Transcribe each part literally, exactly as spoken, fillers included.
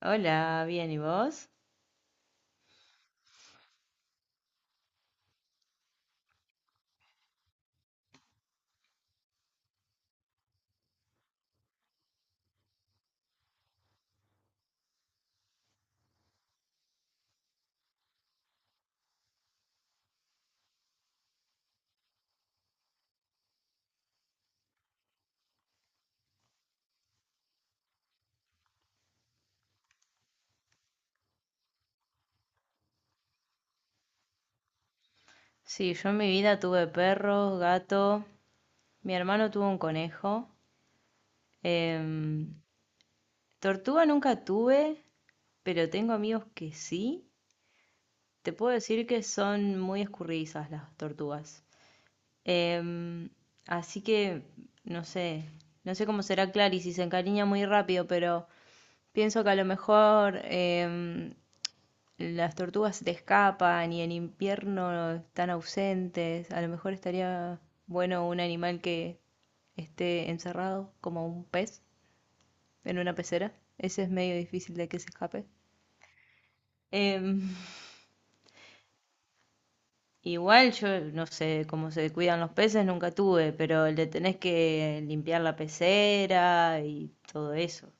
Hola, bien, ¿y vos? Sí, yo en mi vida tuve perros, gato, mi hermano tuvo un conejo, em, tortuga nunca tuve, pero tengo amigos que sí. Te puedo decir que son muy escurridizas las tortugas. Em, así que, no sé, no sé cómo será Clary si se encariña muy rápido, pero pienso que a lo mejor em, las tortugas se te escapan y en invierno están ausentes. A lo mejor estaría bueno un animal que esté encerrado, como un pez, en una pecera. Ese es medio difícil de que se escape. Em, igual yo no sé cómo se cuidan los peces, nunca tuve, pero le tenés que limpiar la pecera y todo eso.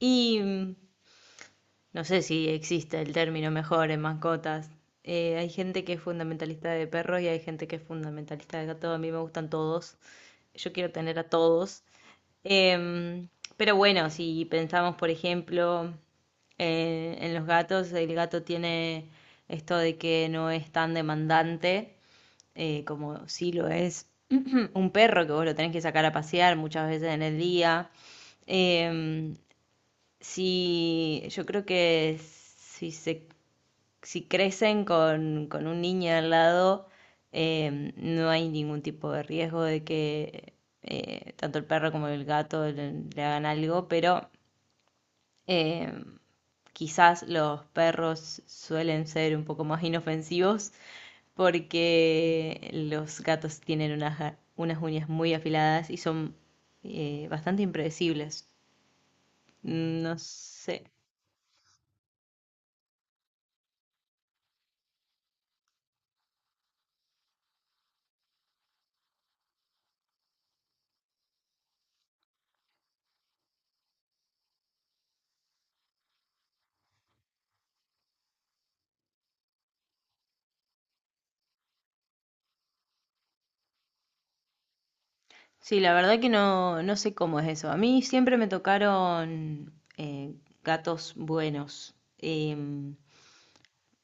Y mm, No sé si existe el término mejor en mascotas. Eh, hay gente que es fundamentalista de perros y hay gente que es fundamentalista de gatos. A mí me gustan todos. Yo quiero tener a todos. Em, pero bueno, si pensamos, por ejemplo, eh, en los gatos, el gato tiene esto de que no es tan demandante, eh, como sí lo es un perro que vos lo tenés que sacar a pasear muchas veces en el día. Em, si yo creo que si se si crecen con, con un niño al lado, eh, no hay ningún tipo de riesgo de que eh, tanto el perro como el gato le, le hagan algo, pero eh, quizás los perros suelen ser un poco más inofensivos porque los gatos tienen unas, unas uñas muy afiladas y son eh, bastante impredecibles. No sé. Sí, la verdad que no, no sé cómo es eso. A mí siempre me tocaron eh, gatos buenos. Em,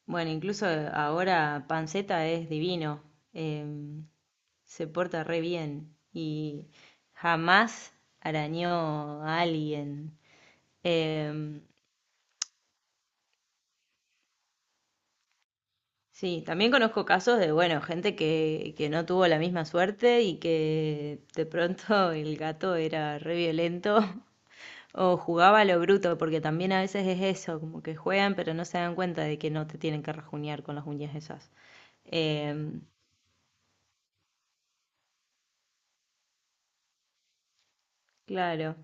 Bueno, incluso ahora Panceta es divino. Em, Se porta re bien y jamás arañó a alguien. Em, sí, también conozco casos de, bueno, gente que, que no tuvo la misma suerte y que de pronto el gato era re violento. O jugaba a lo bruto, porque también a veces es eso, como que juegan pero no se dan cuenta de que no te tienen que rajuñar con las uñas esas. Em, claro.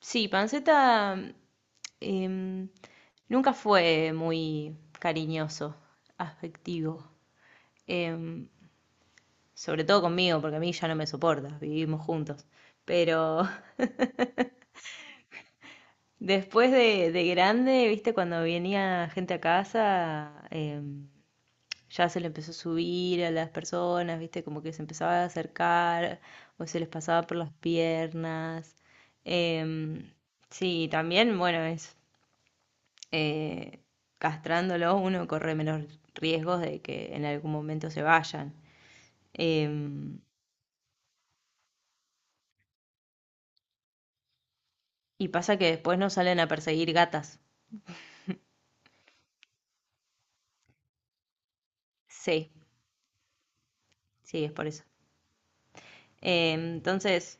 Sí, Panceta em, nunca fue muy cariñoso, afectivo. Em, Sobre todo conmigo, porque a mí ya no me soporta, vivimos juntos. Pero después de, de grande, viste, cuando venía gente a casa, em, ya se le empezó a subir a las personas, ¿viste? Como que se empezaba a acercar o se les pasaba por las piernas. Em, sí, también, bueno, es eh, castrándolo uno corre menos riesgos de que en algún momento se vayan. Em, y pasa que después no salen a perseguir gatas. Sí, sí, es por eso. Em, entonces,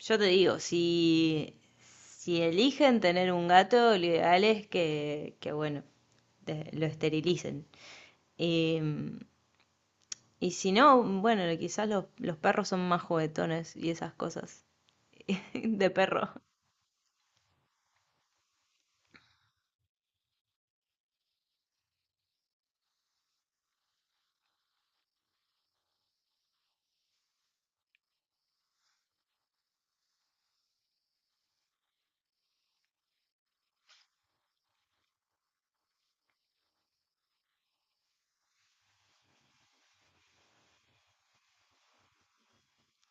yo te digo, si, si eligen tener un gato, lo ideal es que, que bueno, de- lo esterilicen. Y, y si no, bueno, quizás los, los perros son más juguetones y esas cosas de perro.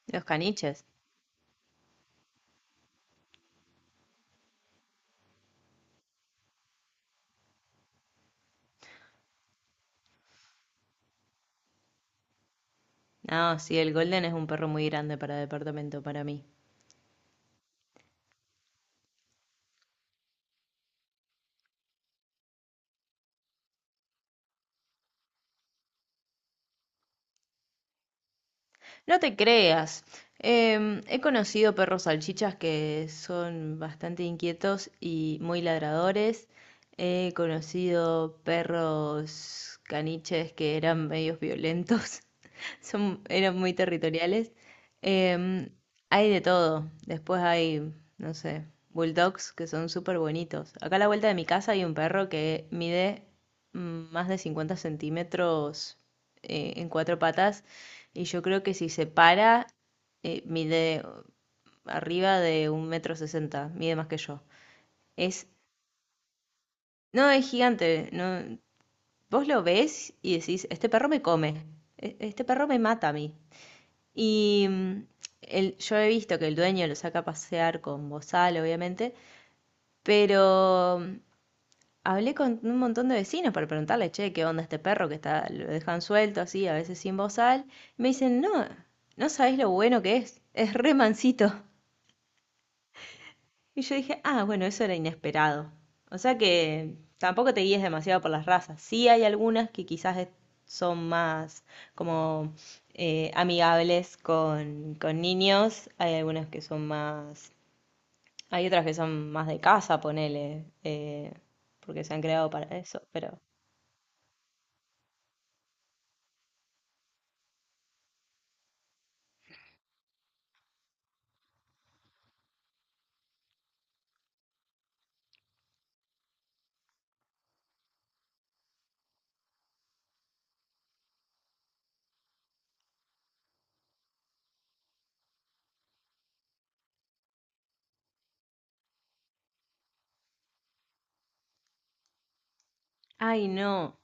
Los caniches. No, sí, el Golden es un perro muy grande para departamento, para mí. No te creas. Em, he conocido perros salchichas que son bastante inquietos y muy ladradores. He conocido perros caniches que eran medios violentos. Son, eran muy territoriales. Em, Hay de todo. Después hay, no sé, bulldogs que son súper bonitos. Acá a la vuelta de mi casa hay un perro que mide mm, más de cincuenta centímetros eh, en cuatro patas y yo creo que si se para, eh, mide arriba de un metro sesenta, mide más que yo. Es, no, es gigante. No, vos lo ves y decís, este perro me come, e- este perro me mata a mí. Y mm, el- yo he visto que el dueño lo saca a pasear con bozal, obviamente, pero mm, hablé con un montón de vecinos para preguntarle, che, ¿qué onda este perro que está, lo dejan suelto así, a veces sin bozal? Y me dicen, no, no sabéis lo bueno que es, es re mansito. Y yo dije, ah, bueno, eso era inesperado. O sea que tampoco te guíes demasiado por las razas. Sí hay algunas que quizás es- son más como eh, amigables con, con niños. Hay algunas que son más... Hay otras que son más de casa, ponele, eh, porque se han creado para eso, pero... Ay, no.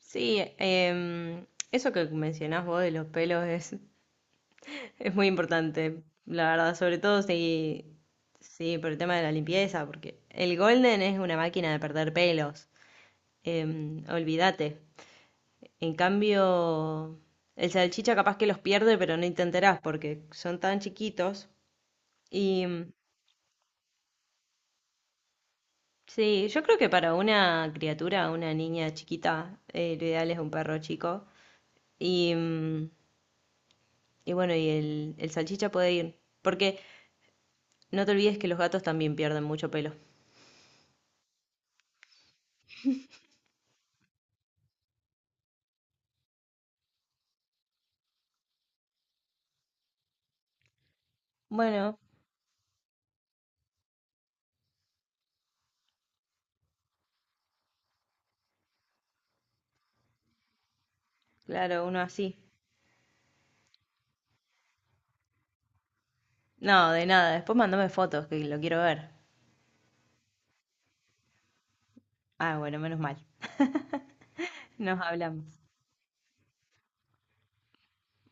Sí, em, eso que mencionás vos de los pelos es Es muy importante, la verdad, sobre todo si, sí, por el tema de la limpieza, porque el Golden es una máquina de perder pelos, em, olvídate. En cambio, el salchicha capaz que los pierde, pero no te enterás porque son tan chiquitos. Y mm, sí, yo creo que para una criatura, una niña chiquita, eh, lo ideal es un perro chico. Y, mm, y bueno, y el, el salchicha puede ir, porque no te olvides que los gatos también pierden mucho pelo. Bueno, claro, uno así. No, de nada. Después mandame fotos, que lo quiero ver. Ah, bueno, menos mal. Nos hablamos.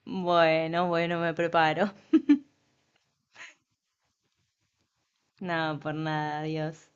Bueno, bueno, me preparo. No, por nada, adiós.